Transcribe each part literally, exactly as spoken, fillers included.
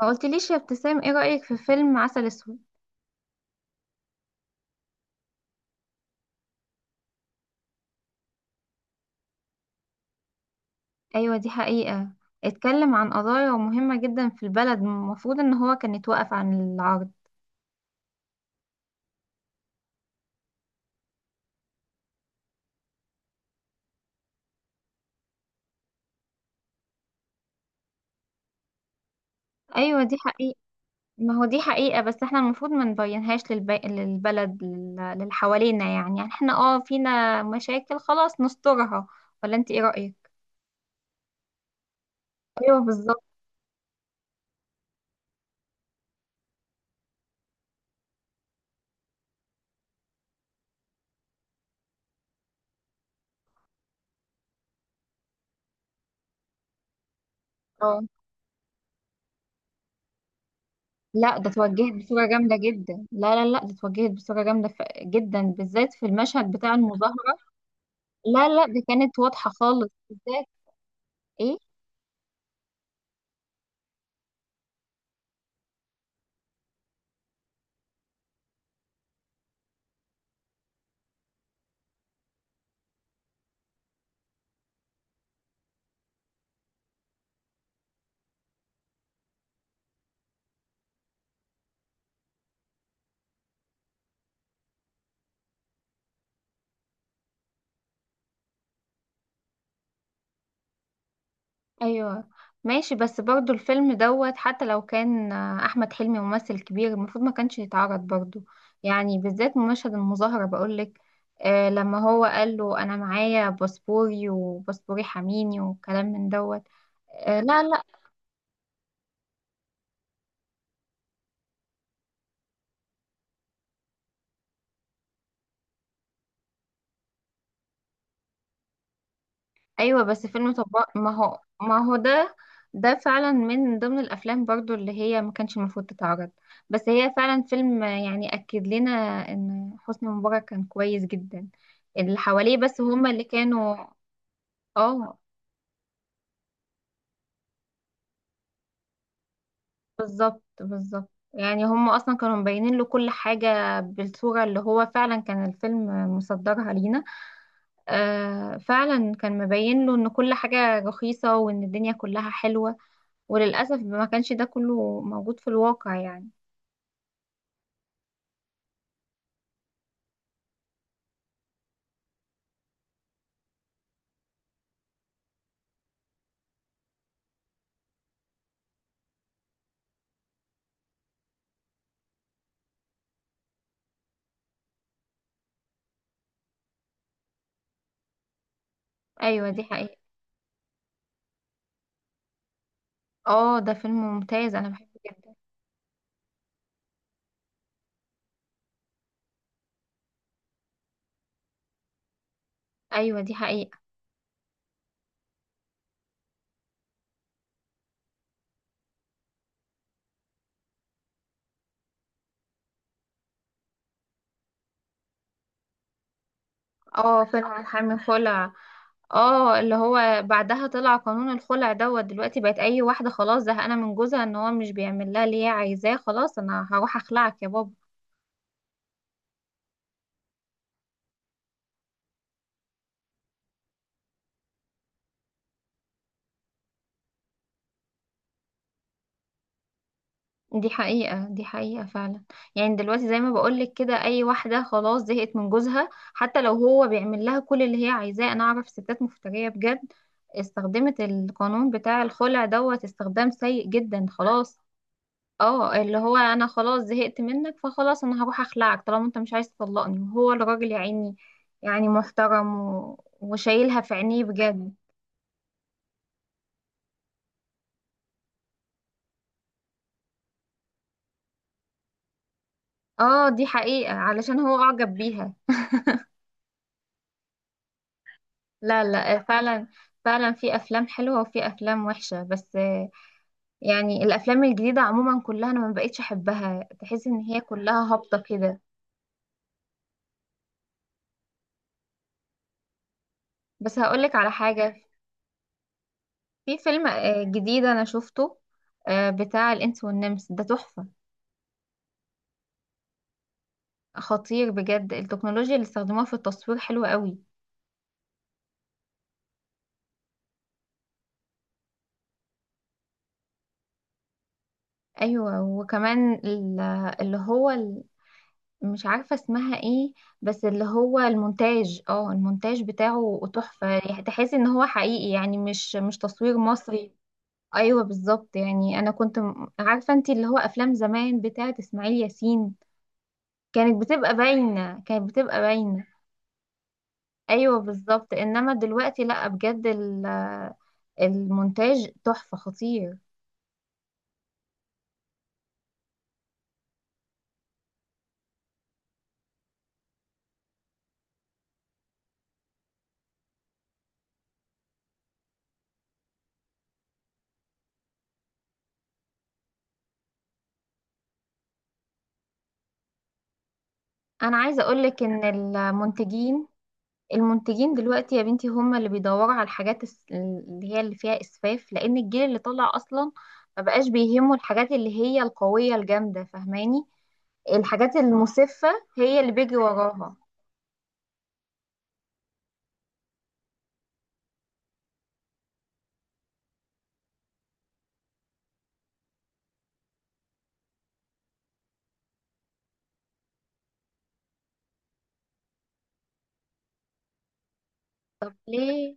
ما قلتليش يا ابتسام، ايه رأيك في فيلم عسل اسود؟ ايوه دي حقيقة. اتكلم عن قضايا مهمة جدا في البلد. المفروض ان هو كان يتوقف عن العرض. ايوه دي حقيقة. ما هو دي حقيقة، بس احنا المفروض ما نبينهاش للب... للبلد، لل- للي حوالينا. يعني يعني احنا اه فينا مشاكل، خلاص نسترها. ولا انت، ايه رأيك؟ ايوه بالظبط. اه، لا، ده اتوجهت بصورة جامدة جدا. لا لا لا، ده اتوجهت بصورة جامدة ف... جدا، بالذات في المشهد بتاع المظاهرة. لا لا، ده كانت واضحة خالص بالذات. ايه؟ ايوه ماشي. بس برضو الفيلم دوت، حتى لو كان آه، احمد حلمي ممثل كبير، المفروض ما كانش يتعرض برضو. يعني بالذات مشهد المظاهرة بقولك. آه لما هو قال له انا معايا باسبوري وباسبوري حميني، وكلام من دوت. آه، لا لا. ايوه، بس فيلم طباخ، ما هو ما هو ده. ده فعلا من ضمن الافلام برضو اللي هي ما كانش المفروض تتعرض. بس هي فعلا فيلم يعني اكد لنا ان حسني مبارك كان كويس جدا. اللي حواليه بس هما اللي كانوا. اه، بالظبط بالظبط. يعني هما اصلا كانوا مبينين له كل حاجة بالصورة اللي هو فعلا كان الفيلم مصدرها لينا. آه فعلا كان مبين له ان كل حاجة رخيصة، وان الدنيا كلها حلوة. وللأسف ما كانش ده كله موجود في الواقع يعني. أيوة دي حقيقة. اه، ده فيلم ممتاز، أنا بحبه جدا. أيوة دي حقيقة. اه، فيلم عن حرم الخلع. اه، اللي هو بعدها طلع قانون الخلع دوت. دلوقتي بقت أي واحدة خلاص زهقانة من جوزها، إن هو مش بيعمل لها اللي هي عايزاه. خلاص أنا هروح أخلعك يا بابا. دي حقيقة، دي حقيقة فعلا. يعني دلوقتي زي ما بقولك كده، أي واحدة خلاص زهقت من جوزها حتى لو هو بيعمل لها كل اللي هي عايزاه. أنا أعرف ستات مفترية بجد، استخدمت القانون بتاع الخلع دوت استخدام سيء جدا، خلاص. اه، اللي هو أنا خلاص زهقت منك، فخلاص أنا هروح أخلعك، طالما أنت مش عايز تطلقني. وهو الراجل يا عيني، يعني محترم و... وشايلها في عينيه بجد. اه، دي حقيقة. علشان هو أعجب بيها. لا لا، آه، فعلا. فعلا في افلام حلوه وفي افلام وحشه، بس آه، يعني الافلام الجديده عموما كلها انا ما بقتش احبها. تحس ان هي كلها هابطه كده. بس هقولك على حاجه. في فيلم آه، جديد انا شفته. آه، بتاع الانس والنمس ده تحفه. خطير بجد. التكنولوجيا اللي استخدموها في التصوير حلوه قوي. ايوه، وكمان ال- اللي هو مش عارفة اسمها ايه. بس اللي هو المونتاج، اه المونتاج بتاعه تحفة. يعني تحس ان هو حقيقي، يعني مش مش تصوير مصري. ايوه بالظبط. يعني انا كنت م- عارفة، انت اللي هو افلام زمان بتاعة اسماعيل ياسين كانت بتبقى باينة، كانت بتبقى باينة. ايوه بالظبط. انما دلوقتي لا، بجد ال- المونتاج تحفة خطير. انا عايزة اقولك ان المنتجين، المنتجين دلوقتي يا بنتي هم اللي بيدوروا على الحاجات الس- اللي هي اللي فيها اسفاف، لان الجيل اللي طالع اصلا ما بقاش بيهمه الحاجات اللي هي القوية الجامدة، فاهماني؟ الحاجات المسفة هي اللي بيجي وراها. طب ليه؟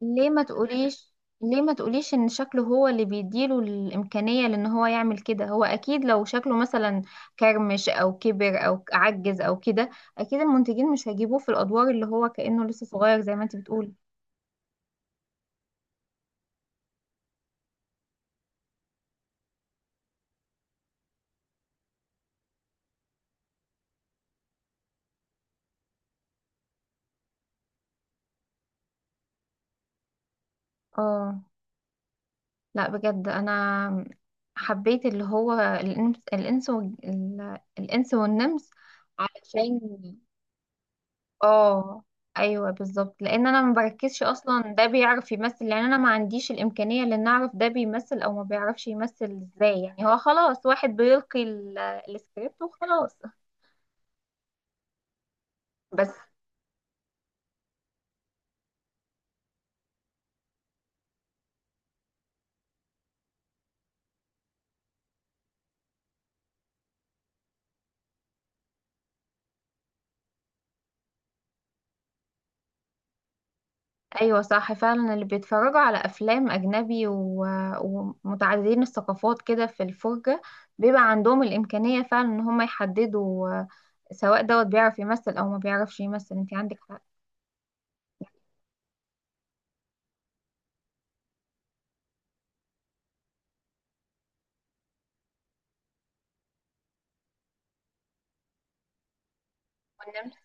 ليه ما تقوليش، ليه ما تقوليش ان شكله هو اللي بيديله الامكانية لان هو يعمل كده. هو اكيد لو شكله مثلا كرمش او كبر او عجز او كده، اكيد المنتجين مش هيجيبوه في الادوار اللي هو كأنه لسه صغير زي ما انت بتقولي. اه، لا بجد انا حبيت اللي هو الانس الانس وال- ال- الانس والنمس. علشان اه، ايوه بالظبط. لان انا ما بركزش اصلا ده بيعرف يمثل، لان انا ما عنديش الامكانيه لان اعرف ده بيمثل او ما بيعرفش يمثل ازاي. يعني هو خلاص واحد بيلقي ال- السكريبت وخلاص. بس ايوه صح فعلا. اللي بيتفرجوا على افلام اجنبي و... ومتعددين الثقافات كده في الفرجه، بيبقى عندهم الامكانيه فعلا ان هم يحددوا آه، سواء دوت بيعرف يمثل او ما بيعرفش يمثل. انت عندك حق. والنمس-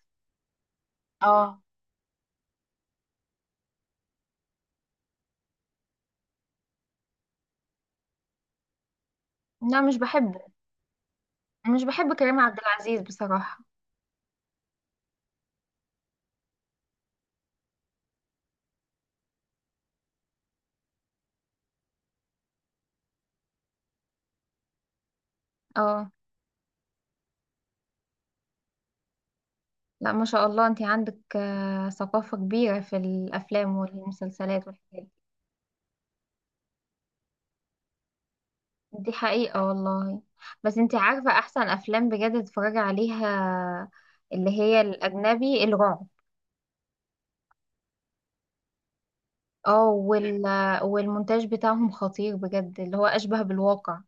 اه، لا مش بحب. مش بحب كريم عبد العزيز بصراحه. اه، لا، ما شاء الله، انت عندك آه، ثقافه كبيره في الافلام والمسلسلات والحاجات. دي حقيقة والله. بس انت عارفة احسن افلام بجد اتفرج عليها اللي هي الاجنبي الرعب. اه، وال... والمونتاج بتاعهم خطير بجد، اللي هو اشبه بالواقع.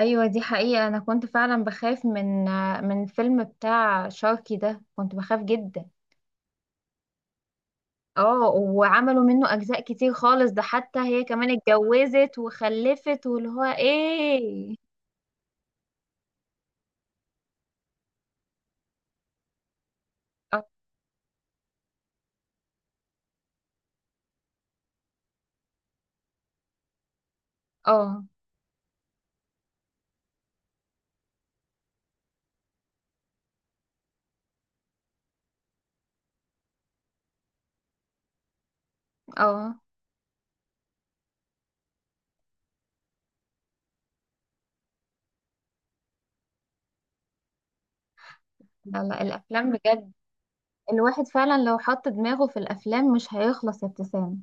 ايوه دي حقيقة. انا كنت فعلا بخاف من من فيلم بتاع شاركي ده، كنت بخاف جدا. اه، وعملوا منه اجزاء كتير خالص، ده حتى هي كمان اتجوزت وخلفت واللي هو ايه. اه اه اه، لا لا، الافلام بجد الواحد فعلا لو حط دماغه في الافلام مش هيخلص يا ابتسام.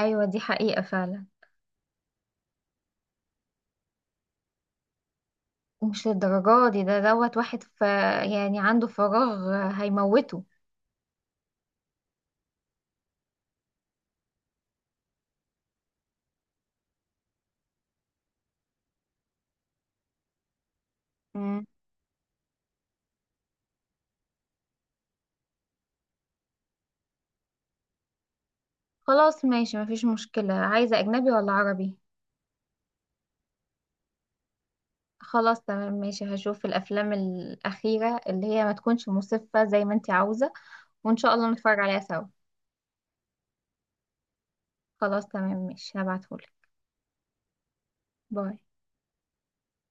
ايوه دي حقيقة فعلا. مش للدرجة دي. ده دوت واحد ف... يعني عنده فراغ، هيموته. مم. خلاص ماشي، مفيش مشكلة. عايزة أجنبي ولا عربي؟ خلاص تمام ماشي، هشوف الأفلام الأخيرة اللي هي ما تكونش مسفة زي ما انتي عاوزة، وإن شاء الله نتفرج عليها سوا. خلاص تمام ماشي، هبعتهولك. باي.